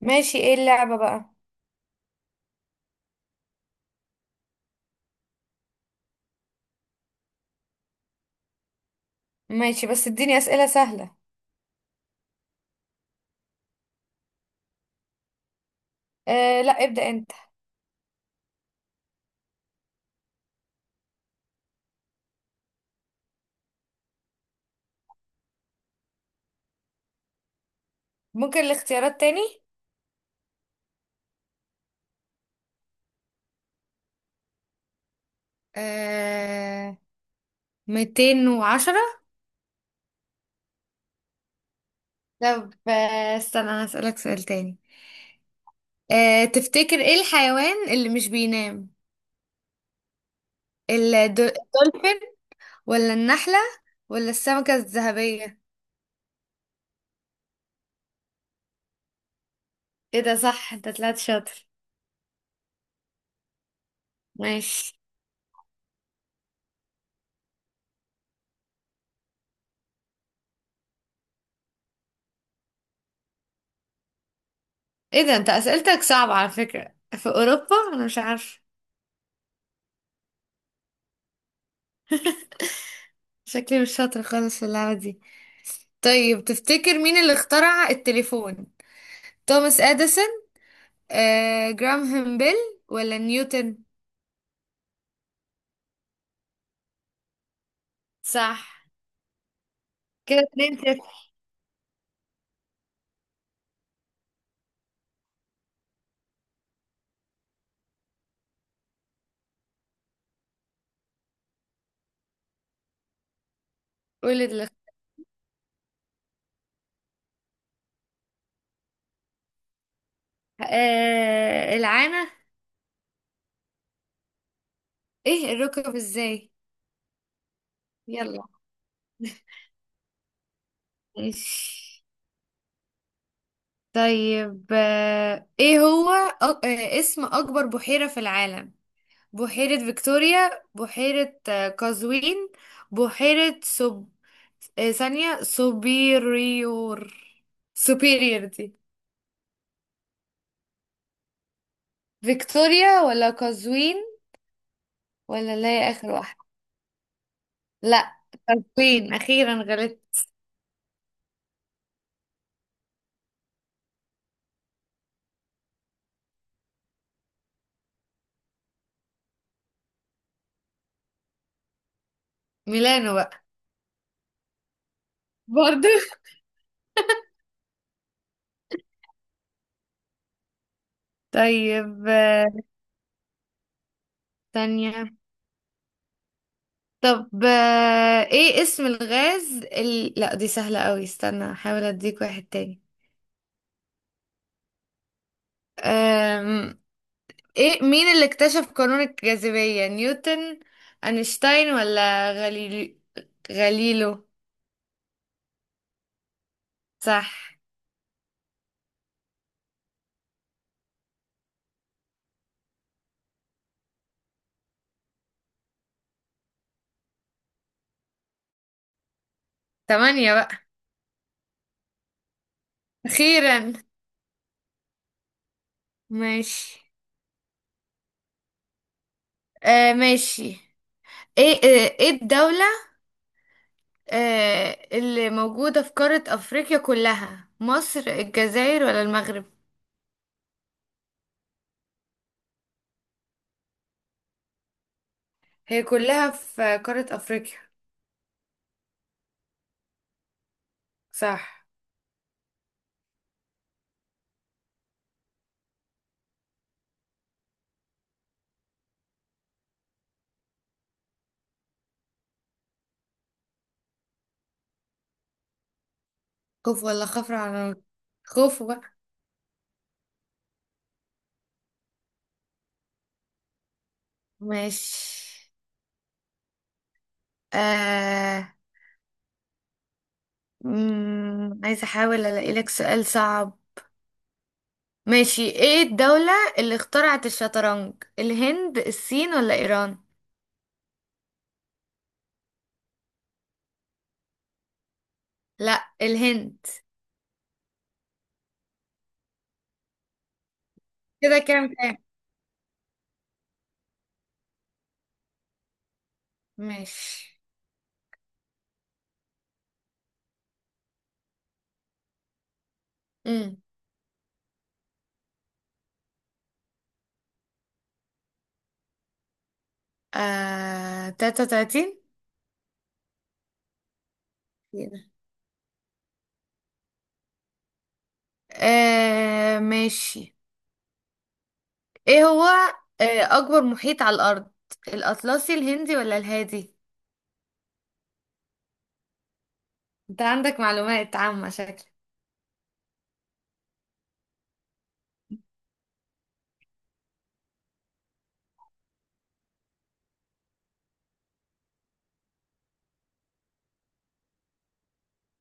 ماشي. ايه اللعبة بقى؟ ماشي، بس اديني اسئلة سهلة. لا، ابدأ انت. ممكن الاختيارات تاني؟ آه... 210. طب استنى، أنا هسألك سؤال تاني. تفتكر ايه الحيوان اللي مش بينام؟ الدولفين، ولا النحلة، ولا السمكة الذهبية؟ ايه ده، صح! انت طلعت شاطر. ماشي. ايه ده، انت اسئلتك صعبة، على فكرة في اوروبا انا مش عارفة. شكلي مش شاطر خالص في اللعبة دي. طيب، تفتكر مين اللي اخترع التليفون؟ توماس اديسون، جراهام بيل، ولا نيوتن؟ صح. كده 2-0. قول اللي اخت- آه، العانة. ايه الركب ازاي؟ يلا. ماشي. طيب، ايه هو اسم اكبر بحيرة في العالم؟ بحيرة فيكتوريا، بحيرة قزوين، بحيرة سب آه، ثانية سوبيريور. سوبيريور دي؟ فيكتوريا ولا قزوين ولا اللي هي آخر واحدة؟ لا، قزوين. أخيرا غلطت. ميلانو بقى. برضو طيب، آه، ثانية طب آه، ايه اسم الغاز لا، دي سهلة قوي، استنى احاول اديك واحد تاني. أم... ايه، مين اللي اكتشف قانون الجاذبية؟ نيوتن، اينشتاين، ولا غاليليو؟ غاليلو. صح. تمانية بقى. اخيرا. ماشي. ماشي. ايه الدولة اللي موجودة في قارة افريقيا كلها، مصر، الجزائر، ولا المغرب؟ هي كلها في قارة افريقيا؟ صح. خوف ولا خفر على النار؟ خوف بقى. ماشي. آه... عايزة احاول الاقي لك سؤال صعب. ماشي، ايه الدولة اللي اخترعت الشطرنج؟ الهند، الصين، ولا ايران؟ لا، الهند. كده كام كام؟ ماشي. امم 33. كده. ماشي. ايه هو آه اكبر محيط على الارض؟ الاطلسي، الهندي، ولا الهادي؟ انت عندك معلومات عامة شكلك.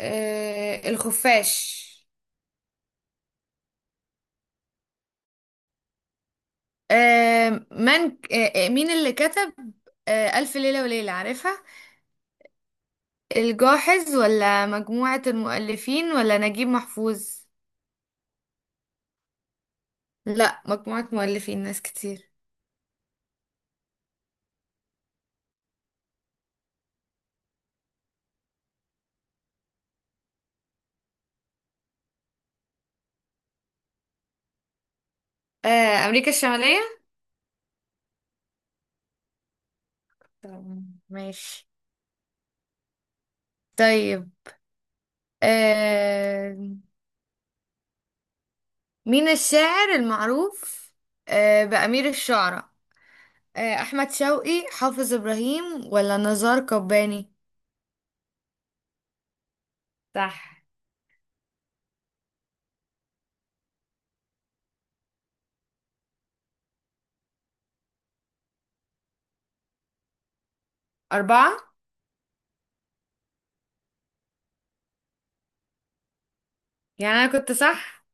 الخفاش. آه من ك- آه آه، مين اللي كتب ألف ليلة وليلة، عارفها؟ الجاحظ، ولا مجموعة المؤلفين، ولا نجيب محفوظ؟ لا، مجموعة مؤلفين، ناس كتير. أمريكا الشمالية. طبعاً، ماشي. طيب، آه مين الشاعر المعروف بأمير الشعراء؟ أحمد شوقي، حافظ إبراهيم، ولا نزار قباني؟ صح. أربعة. يعني أنا كنت صح.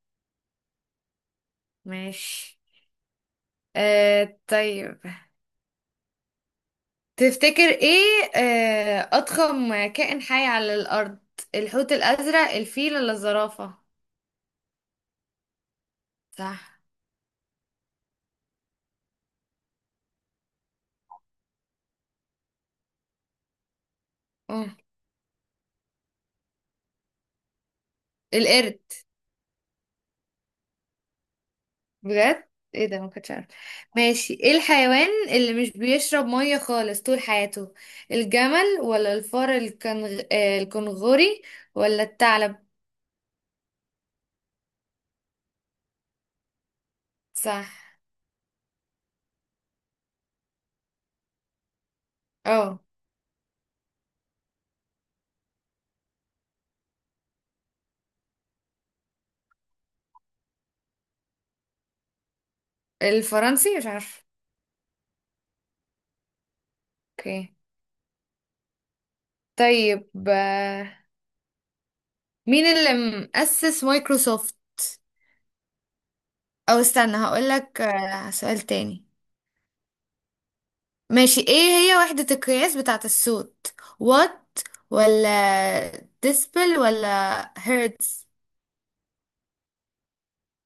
ماشي. طيب، تفتكر إيه أضخم كائن حي على الأرض؟ الحوت الأزرق، الفيل، ولا الزرافة؟ صح. مم. القرد. بجد؟ ايه ده، ما كنتش عارفه. ماشي، ايه الحيوان اللي مش بيشرب ميه خالص طول حياته؟ الجمل، ولا الفار الكنغوري، ولا الثعلب؟ صح. اه الفرنسي، مش عارفه. اوكي. طيب، مين اللي مؤسس مايكروسوفت؟ او استنى، هقولك سؤال تاني. ماشي، ايه هي وحدة القياس بتاعة الصوت؟ وات، ولا ديسبل، ولا هيرتز؟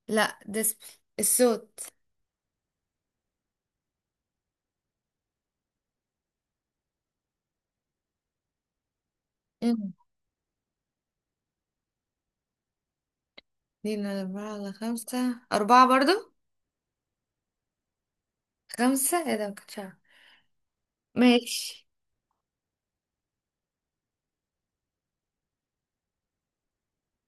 لا، ديسبل الصوت. مم. اتنين على أربعة على خمسة؟ أربعة برضو. خمسة؟ ايه ده، مكنتش أعرف. ماشي.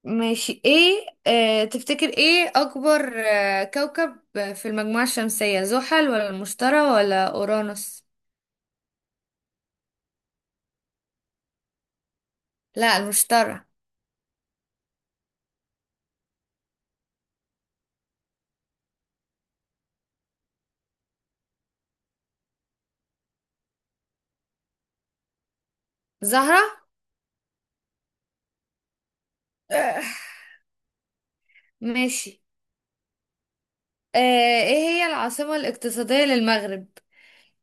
ماشي، ايه تفتكر ايه أكبر كوكب في المجموعة الشمسية؟ زحل، ولا المشتري، ولا أورانوس؟ لا، المشتري. زهرة. آه ماشي. آه ايه هي العاصمة الاقتصادية للمغرب؟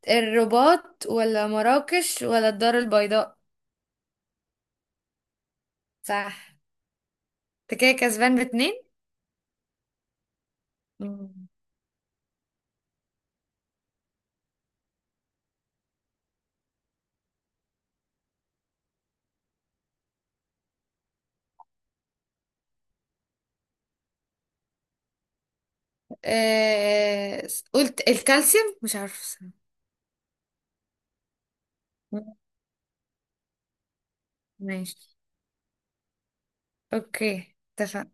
الرباط، ولا مراكش، ولا الدار البيضاء؟ صح. انت كده كسبان باتنين. آه... قلت الكالسيوم، مش عارفة الصراحة. ماشي. اوكي، اتفقنا.